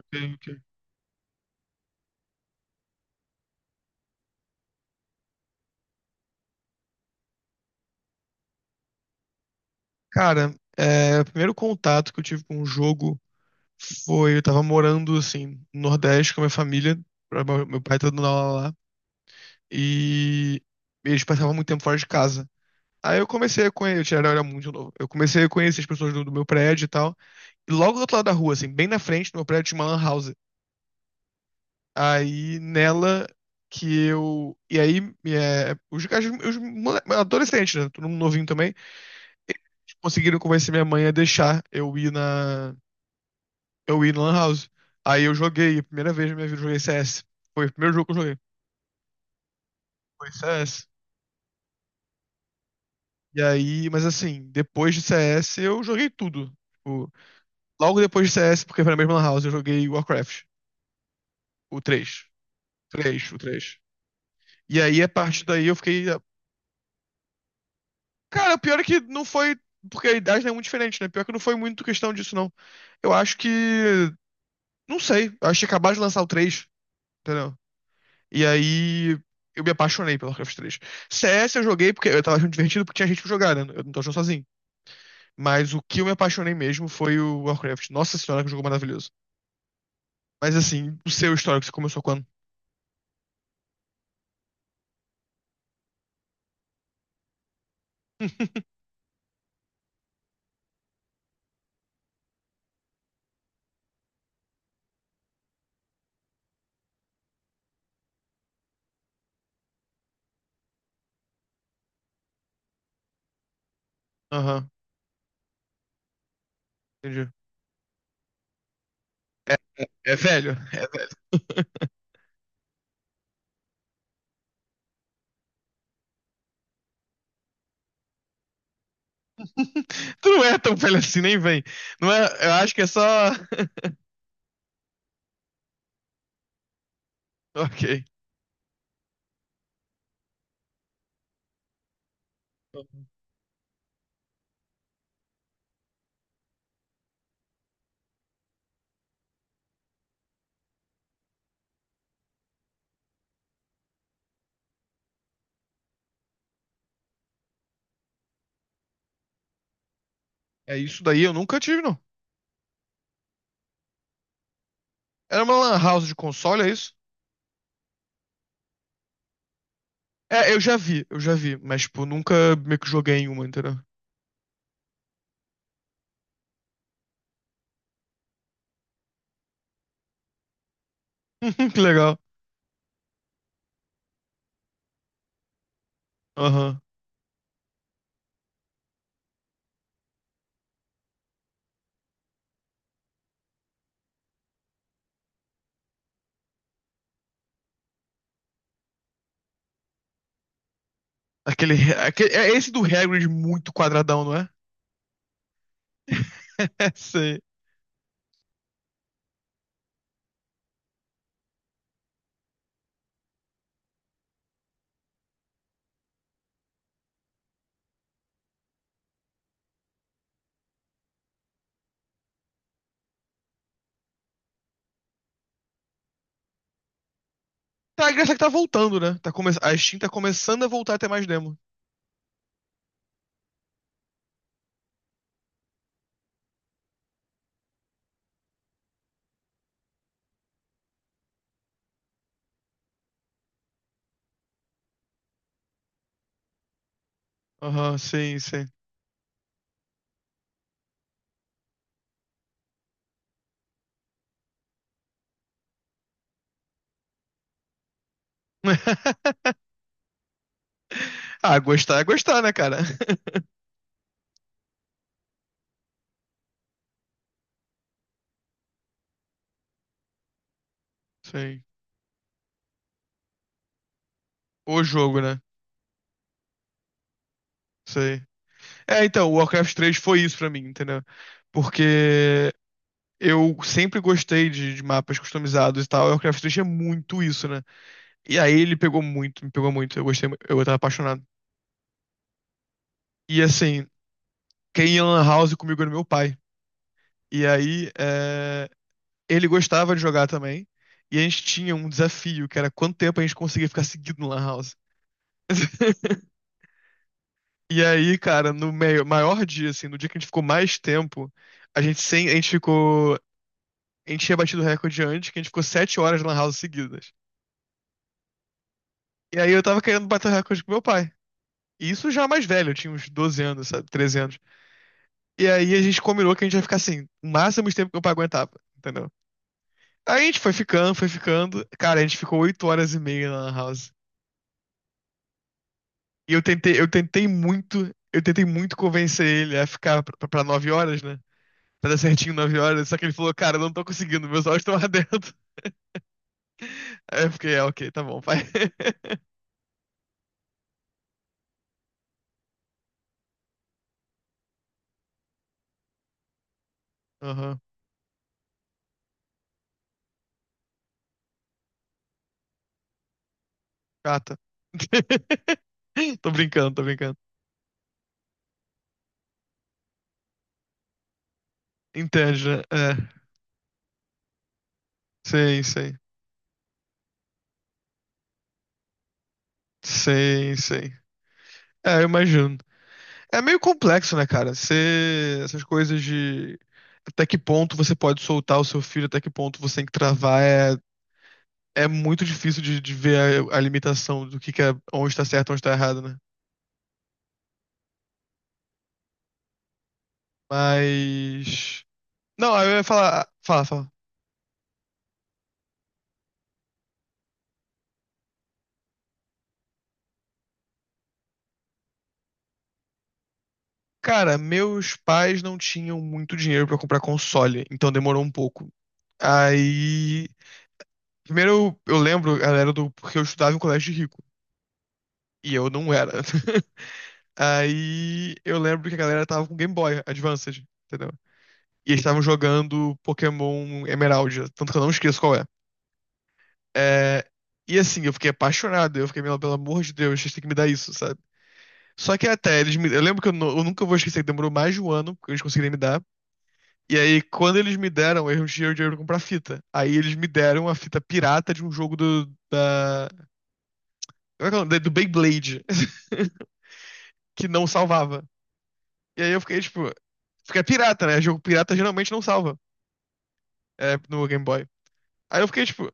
Ok, ok. Cara, o primeiro contato que eu tive com o jogo foi, eu tava morando, assim, no Nordeste com a minha família, meu pai tá dando aula lá, e eles passavam muito tempo fora de casa. Aí eu comecei a conhecer, eu era muito novo, eu comecei a conhecer as pessoas do meu prédio e tal, e logo do outro lado da rua, assim, bem na frente do meu prédio tinha uma lan house. Aí, nela, que eu... E aí, é, os, as- os mole- adolescentes, né, todo mundo novinho também, conseguiram convencer minha mãe a deixar eu ir na. Eu ia na Lan House. A primeira vez na minha vida eu joguei CS. Foi o primeiro jogo que eu joguei. Foi CS. E aí, mas assim, depois de CS eu joguei tudo. Tipo, logo depois de CS, porque foi na mesma Lan House, eu joguei Warcraft. O 3 o três. E aí, a partir daí, eu fiquei. Cara, o pior é que não foi. Porque a idade não é muito diferente, né? Pior que não foi muito questão disso, não. Eu acho que. Não sei. Eu acho que acabaram de lançar o três, entendeu? E aí eu me apaixonei pelo Warcraft 3. S Eu joguei porque eu tava achando divertido porque tinha gente pra jogar, né? Eu não tô achando sozinho. Mas o que eu me apaixonei mesmo foi o Warcraft. Nossa senhora, que jogo maravilhoso. Mas assim, o seu histórico, você começou quando? Aham, entendi. É, é velho, é velho. Tu não é tão velho assim, nem vem. Não é, eu acho que é só. Ok. É isso daí, eu nunca tive, não. Era uma lan house de console, é isso? É, eu já vi, mas, tipo, nunca meio que joguei em uma, entendeu? Que legal. Aham. Aquele, aquele. É esse do Hagrid muito quadradão, não é? Sei. Tá, a graça é que tá voltando, né? A Steam tá começando a voltar a ter mais demo. Aham, sim, sim. Ah, gostar é gostar, né, cara? Sim. O jogo, né? Sei. É, então, o Warcraft 3 foi isso pra mim, entendeu? Porque eu sempre gostei de mapas customizados e tal. O Warcraft 3 é muito isso, né? E aí ele pegou muito, me pegou muito. Eu gostei, eu tava apaixonado. E assim, quem ia na Lan House comigo era meu pai. E aí, ele gostava de jogar também. E a gente tinha um desafio, que era quanto tempo a gente conseguia ficar seguido no Lan House. E aí, cara, no maior dia, assim, no dia que a gente ficou mais tempo, a gente sem, a gente ficou, a gente tinha batido o recorde antes, que a gente ficou 7 horas na lan house seguidas. E aí eu tava querendo bater o recorde com meu pai. E isso já mais velho, eu tinha uns 12 anos, sabe, 13 anos. E aí a gente combinou que a gente ia ficar assim, o máximo de tempo que meu pai aguentava, entendeu? Aí a gente foi ficando, foi ficando. Cara, a gente ficou 8 horas e meia na Lan House. E eu tentei muito convencer ele a ficar pra, pra 9 horas, né? Pra dar certinho 9 horas. Só que ele falou, cara, eu não tô conseguindo, meus olhos estão ardendo. Aí eu fiquei, ok, tá bom, pai. Aham, chata. Tô brincando, tô brincando. Entende, né? É, sim, sim. Sim, sim. É, eu imagino. É meio complexo, né, cara? Essas coisas de até que ponto você pode soltar o seu filho, até que ponto você tem que travar, é, é muito difícil de ver a limitação do que é onde tá certo, onde tá errado, né? Mas. Não, aí eu ia falar. Fala, fala. Cara, meus pais não tinham muito dinheiro pra comprar console, então demorou um pouco. Aí. Primeiro eu lembro, galera, do porque eu estudava em um colégio de rico. E eu não era. Aí eu lembro que a galera tava com Game Boy Advanced, entendeu? E eles estavam jogando Pokémon Emerald, tanto que eu não esqueço qual é. É, E assim, eu fiquei apaixonado, eu fiquei, "Meu, pelo amor de Deus, vocês têm que me dar isso, sabe? Só que até eles me. Eu lembro que eu nunca vou esquecer que demorou mais de um ano que eles conseguirem me dar. E aí, quando eles me deram, eu não tinha o dinheiro pra comprar fita. Aí eles me deram a fita pirata de um jogo Como é que é o nome? Do Beyblade, que não salvava. E aí eu fiquei, tipo, fica pirata, né? Jogo pirata geralmente não salva. No Game Boy. Aí eu fiquei tipo,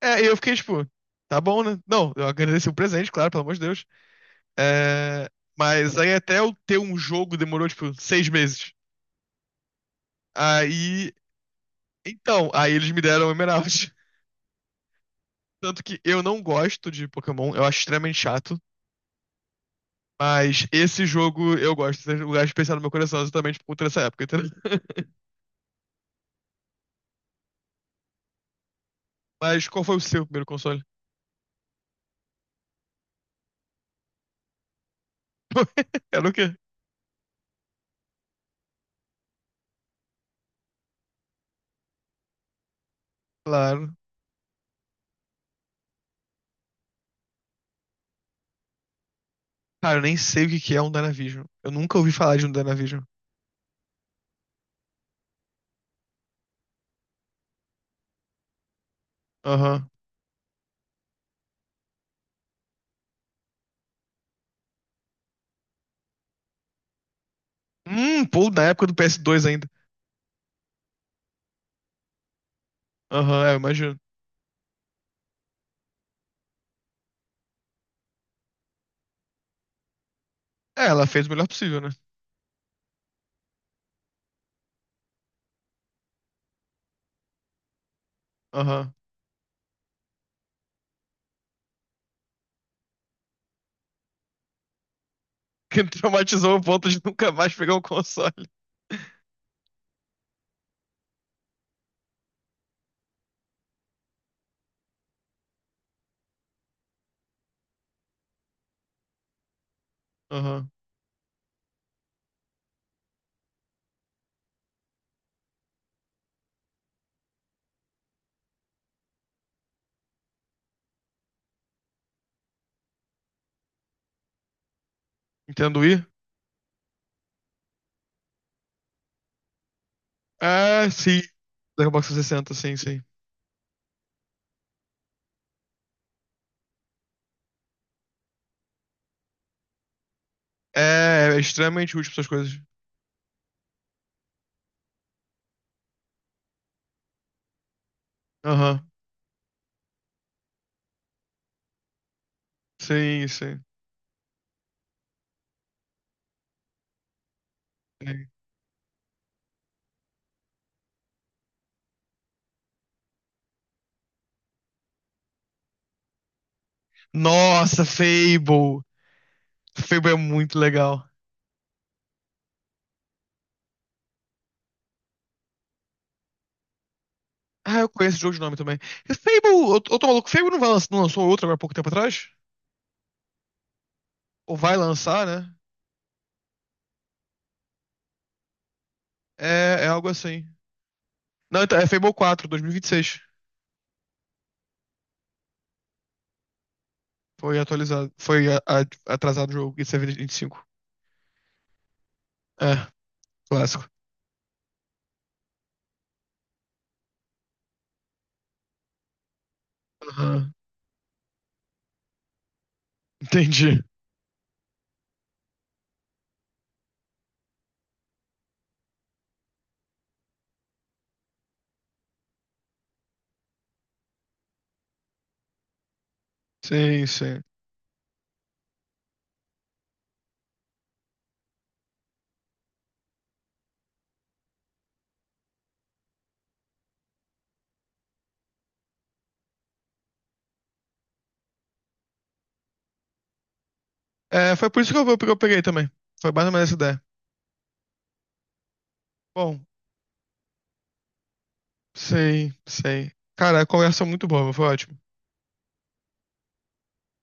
é, eu fiquei tipo, tá bom, né? Não, eu agradeci o presente, claro, pelo amor de Deus. É, mas aí até eu ter um jogo demorou tipo 6 meses. Aí, então, aí eles me deram o Emerald. Tanto que eu não gosto de Pokémon, eu acho extremamente chato. Mas esse jogo eu gosto, tem um lugar especial no meu coração, exatamente por conta dessa época, entendeu? Mas qual foi o seu primeiro console? Era o quê? Claro. Cara, eu nem sei o que que é um Dynavision. Eu nunca ouvi falar de um Dynavision. Aham. Pô, na época do PS2 ainda. Aham, eu imagino. É, ela fez o melhor possível, né? Aham. Que traumatizou o ponto de nunca mais pegar um console. Aham. Nintendo Wii? Ah, sim. Da Xbox 360, sim, sim. É, é extremamente útil pra essas coisas. Aham. Sim, sim. Sim. Nossa, Fable. Fable é muito legal. Ah, eu conheço o jogo de nome também. E Fable, eu tô maluco, Fable não vai lançar, não lançou outro agora há pouco tempo atrás? Ou vai lançar, né? É, é algo assim. Não, então, é Fable 4, 2026. Foi atualizado. Foi atrasado o jogo. Isso é cinco. É, clássico. Aham, entendi. Sim, sim. É, foi por isso que eu peguei também. Foi mais ou menos essa ideia. Bom, sei, sei. Cara, a conversa é muito boa, foi ótimo.